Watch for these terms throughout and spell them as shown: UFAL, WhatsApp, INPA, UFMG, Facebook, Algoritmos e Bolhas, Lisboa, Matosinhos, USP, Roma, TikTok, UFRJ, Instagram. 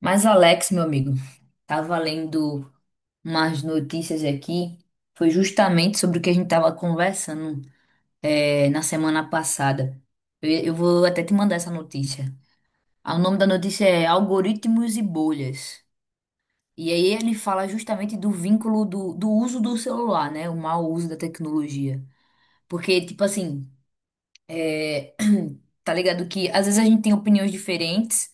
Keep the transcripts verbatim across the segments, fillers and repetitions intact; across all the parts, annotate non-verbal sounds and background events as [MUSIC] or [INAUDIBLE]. Mas Alex, meu amigo, tava lendo umas notícias aqui, foi justamente sobre o que a gente tava conversando eh, na semana passada. Eu, eu vou até te mandar essa notícia. Ah, O nome da notícia é Algoritmos e Bolhas. E aí ele fala justamente do vínculo do, do uso do celular, né? O mau uso da tecnologia. Porque, tipo assim, eh, [CLEARS THROAT] tá ligado que às vezes a gente tem opiniões diferentes.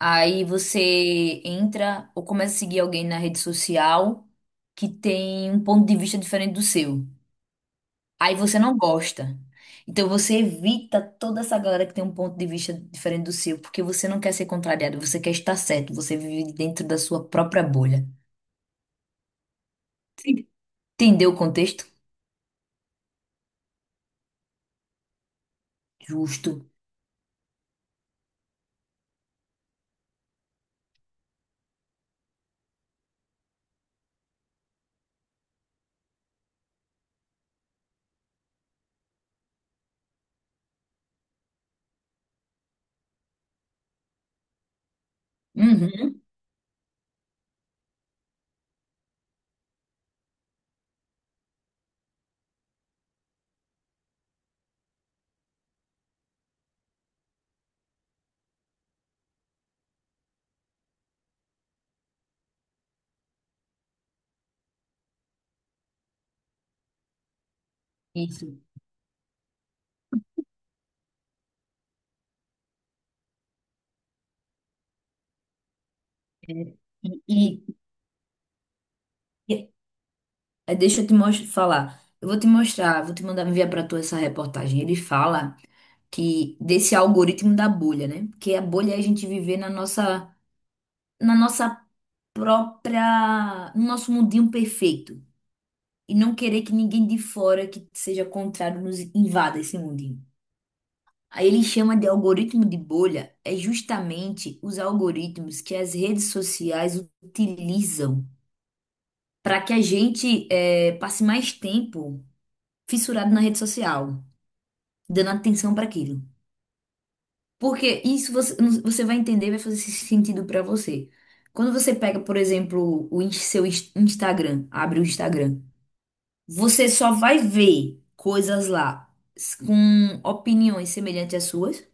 Aí você entra ou começa a seguir alguém na rede social que tem um ponto de vista diferente do seu. Aí você não gosta. Então você evita toda essa galera que tem um ponto de vista diferente do seu, porque você não quer ser contrariado, você quer estar certo, você vive dentro da sua própria bolha. Sim. Entendeu o contexto? Justo. Uhum. Isso. É. E, e- e- É, deixa eu te mos- falar. Eu vou te mostrar, vou te mandar enviar para tu essa reportagem. Ele fala que desse algoritmo da bolha, né? Porque a bolha é a gente viver na nossa na nossa própria, no nosso mundinho perfeito e não querer que ninguém de fora que seja contrário nos invada esse mundinho. Aí ele chama de algoritmo de bolha é justamente os algoritmos que as redes sociais utilizam para que a gente eh, passe mais tempo fissurado na rede social, dando atenção para aquilo. Porque isso você, você vai entender, vai fazer sentido pra você. Quando você pega, por exemplo, o in- seu ins- Instagram, abre o Instagram, você só vai ver coisas lá s- com opiniões semelhantes às suas.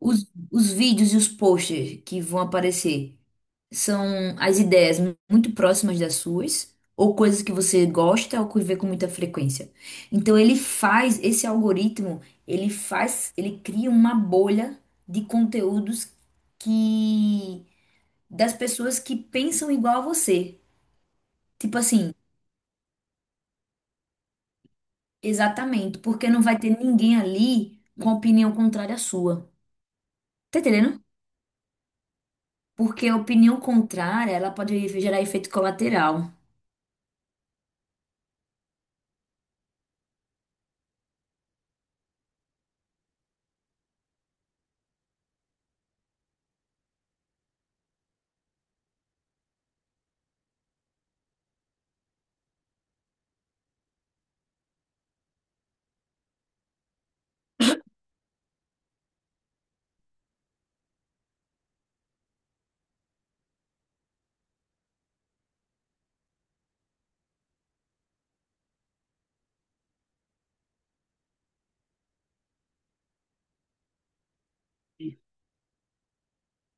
Os, os vídeos e os posters que vão aparecer são as ideias muito próximas das suas, ou coisas que você gosta ou que vê com muita frequência. Então ele faz, esse algoritmo, ele faz, ele cria uma bolha de conteúdos que das pessoas que pensam igual a você. Tipo assim, exatamente, porque não vai ter ninguém ali com opinião contrária à sua. Tá entendendo? Porque a opinião contrária, ela pode gerar efeito colateral.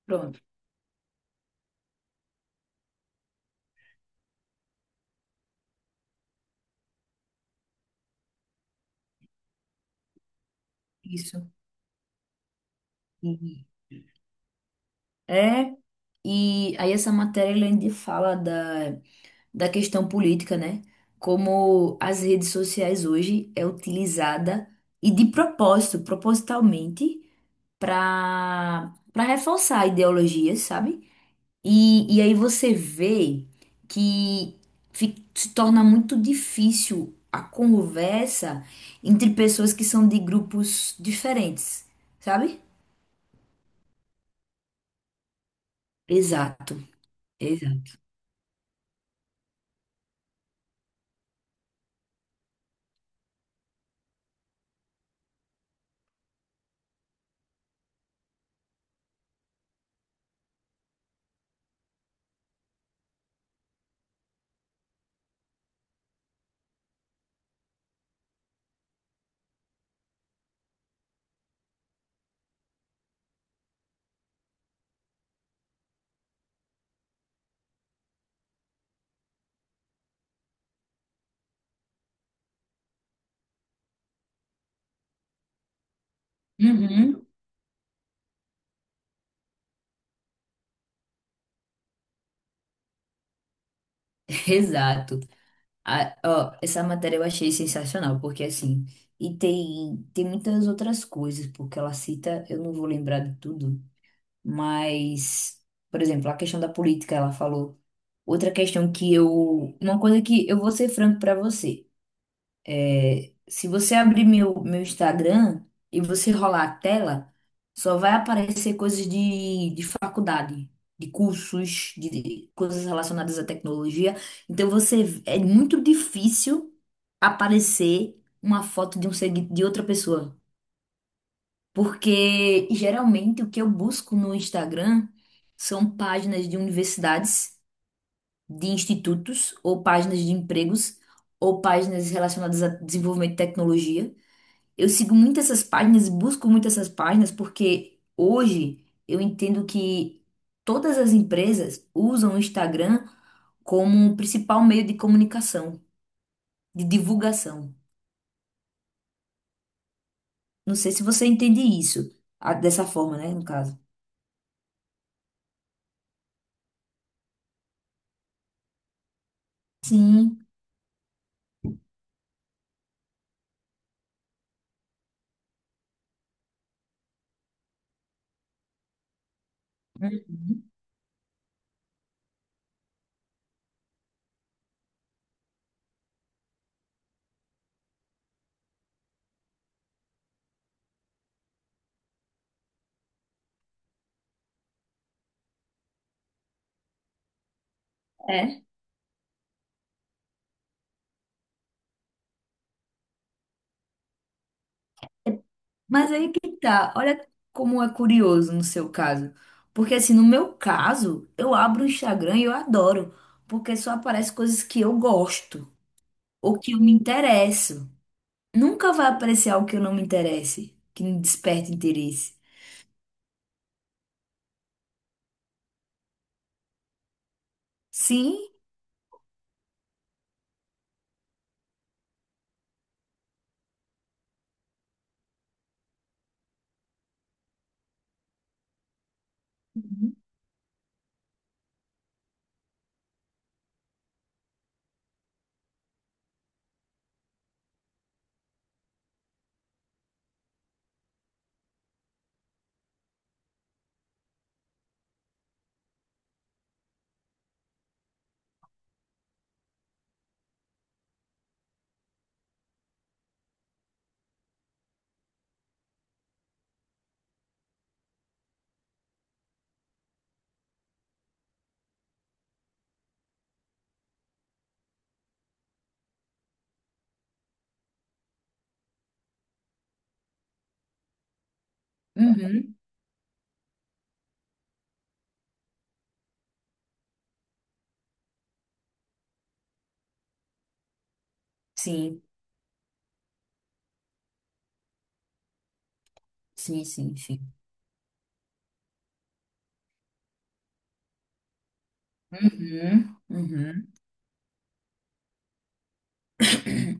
Pronto, isso. E- É, e aí essa matéria ele ainda fala da, da questão política, né? Como as redes sociais hoje é utilizada e de propósito, propositalmente, para para reforçar ideologias, sabe? E, e aí você vê que fi- se torna muito difícil a conversa entre pessoas que são de grupos diferentes, sabe? Exato, exato. Uhum. [LAUGHS] Exato. A- ó, essa matéria eu achei sensacional, porque assim, e tem, tem muitas outras coisas, porque ela cita, eu não vou lembrar de tudo, mas, por exemplo, a questão da política, ela falou. Outra questão que eu. Uma coisa que eu vou ser franco pra você. é, Se você abrir meu, meu Instagram e você rolar a tela, só vai aparecer coisas de, de faculdade, de cursos, de, de coisas relacionadas à tecnologia. Então você é muito difícil aparecer uma foto de um segui- de outra pessoa, porque geralmente o que eu busco no Instagram são páginas de universidades de institutos ou páginas de empregos ou páginas relacionadas a desenvolvimento de tecnologia. Eu sigo muito essas páginas, busco muito essas páginas porque hoje eu entendo que todas as empresas usam o Instagram como o principal meio de comunicação, de divulgação. Não sei se você entende isso, ah, dessa forma, né, no caso. Sim. Uhum. É. Mas aí que tá, olha como é curioso no seu caso. Porque assim, no meu caso, eu abro o Instagram e eu adoro, porque só aparece coisas que eu gosto ou que eu me interesso. Nunca vai aparecer algo que eu não me interesse, que me desperte interesse. Sim? Uhum. Uhum. Sim, sim, sim, sim. Uhum. Uhum.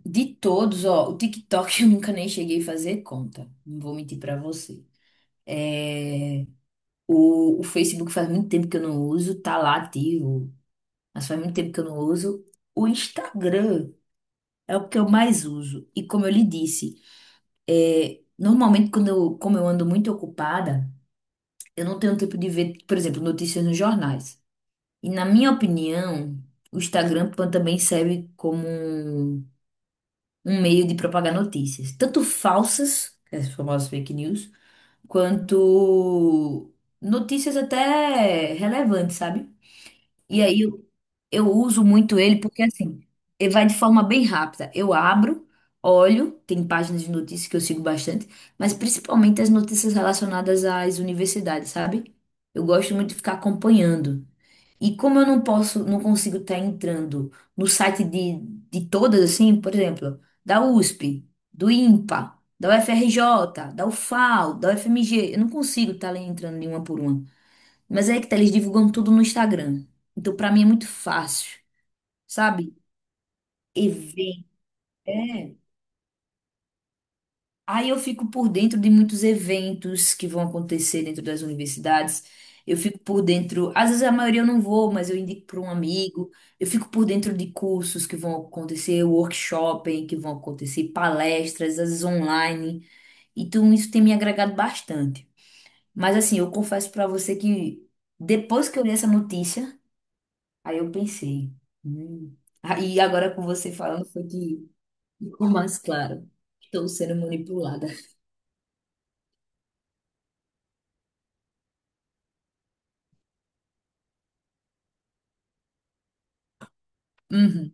De todos, ó, o TikTok [LAUGHS] eu nunca nem cheguei a fazer conta. Não vou mentir pra você. O, o Facebook faz muito tempo que eu não uso, tá lá ativo, mas faz muito tempo que eu não uso. O Instagram é o que eu mais uso. E como eu lhe disse, é, normalmente quando eu, como eu ando muito ocupada, eu não tenho tempo de ver, por exemplo, notícias nos jornais. E na minha opinião, o Instagram pan- também serve como um, um meio de propagar notícias, tanto falsas, as famosas fake news, quanto notícias até relevantes, sabe? E aí eu, eu uso muito ele porque assim, ele vai de forma bem rápida. Eu abro, olho, tem páginas de notícias que eu sigo bastante, mas principalmente as notícias relacionadas às universidades, sabe? Eu gosto muito de ficar acompanhando. E como eu não posso, não consigo estar entrando no site de, de todas, assim, por exemplo, da U S P, do I N P A, da U F R J, da U F A L, da U F M G, eu não consigo estar entrando em uma por uma. Mas é que tá, eles divulgam tudo no Instagram. Então, pra mim é muito fácil, sabe? Evento. É. Aí eu fico por dentro de muitos eventos que vão acontecer dentro das universidades. Eu fico por dentro, às vezes a maioria eu não vou, mas eu indico para um amigo. Eu fico por dentro de cursos que vão acontecer, workshops que vão acontecer, palestras, às vezes online. Então isso tem me agregado bastante. Mas assim, eu confesso para você que depois que eu li essa notícia, aí eu pensei, hum. Aí agora com você falando foi que ficou mais claro. Estou sendo manipulada. Uhum.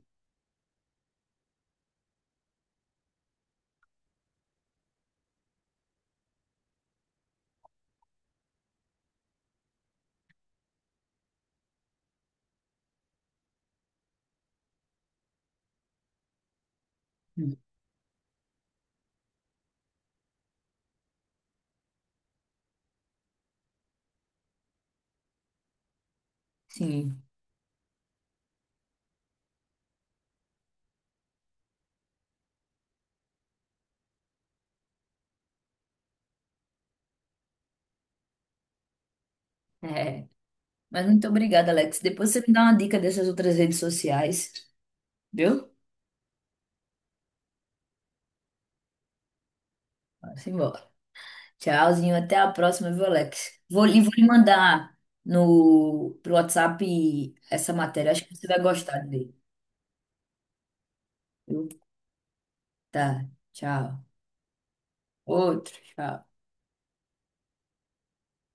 Sim, é. Mas muito obrigada, Alex. Depois você me dá uma dica dessas outras redes sociais, viu? Vamos embora. Tchauzinho, até a próxima, viu, Alex? Vou, e vou lhe mandar no, pro WhatsApp essa matéria. Acho que você vai gostar dele, viu? Tá, tchau. Outro, tchau.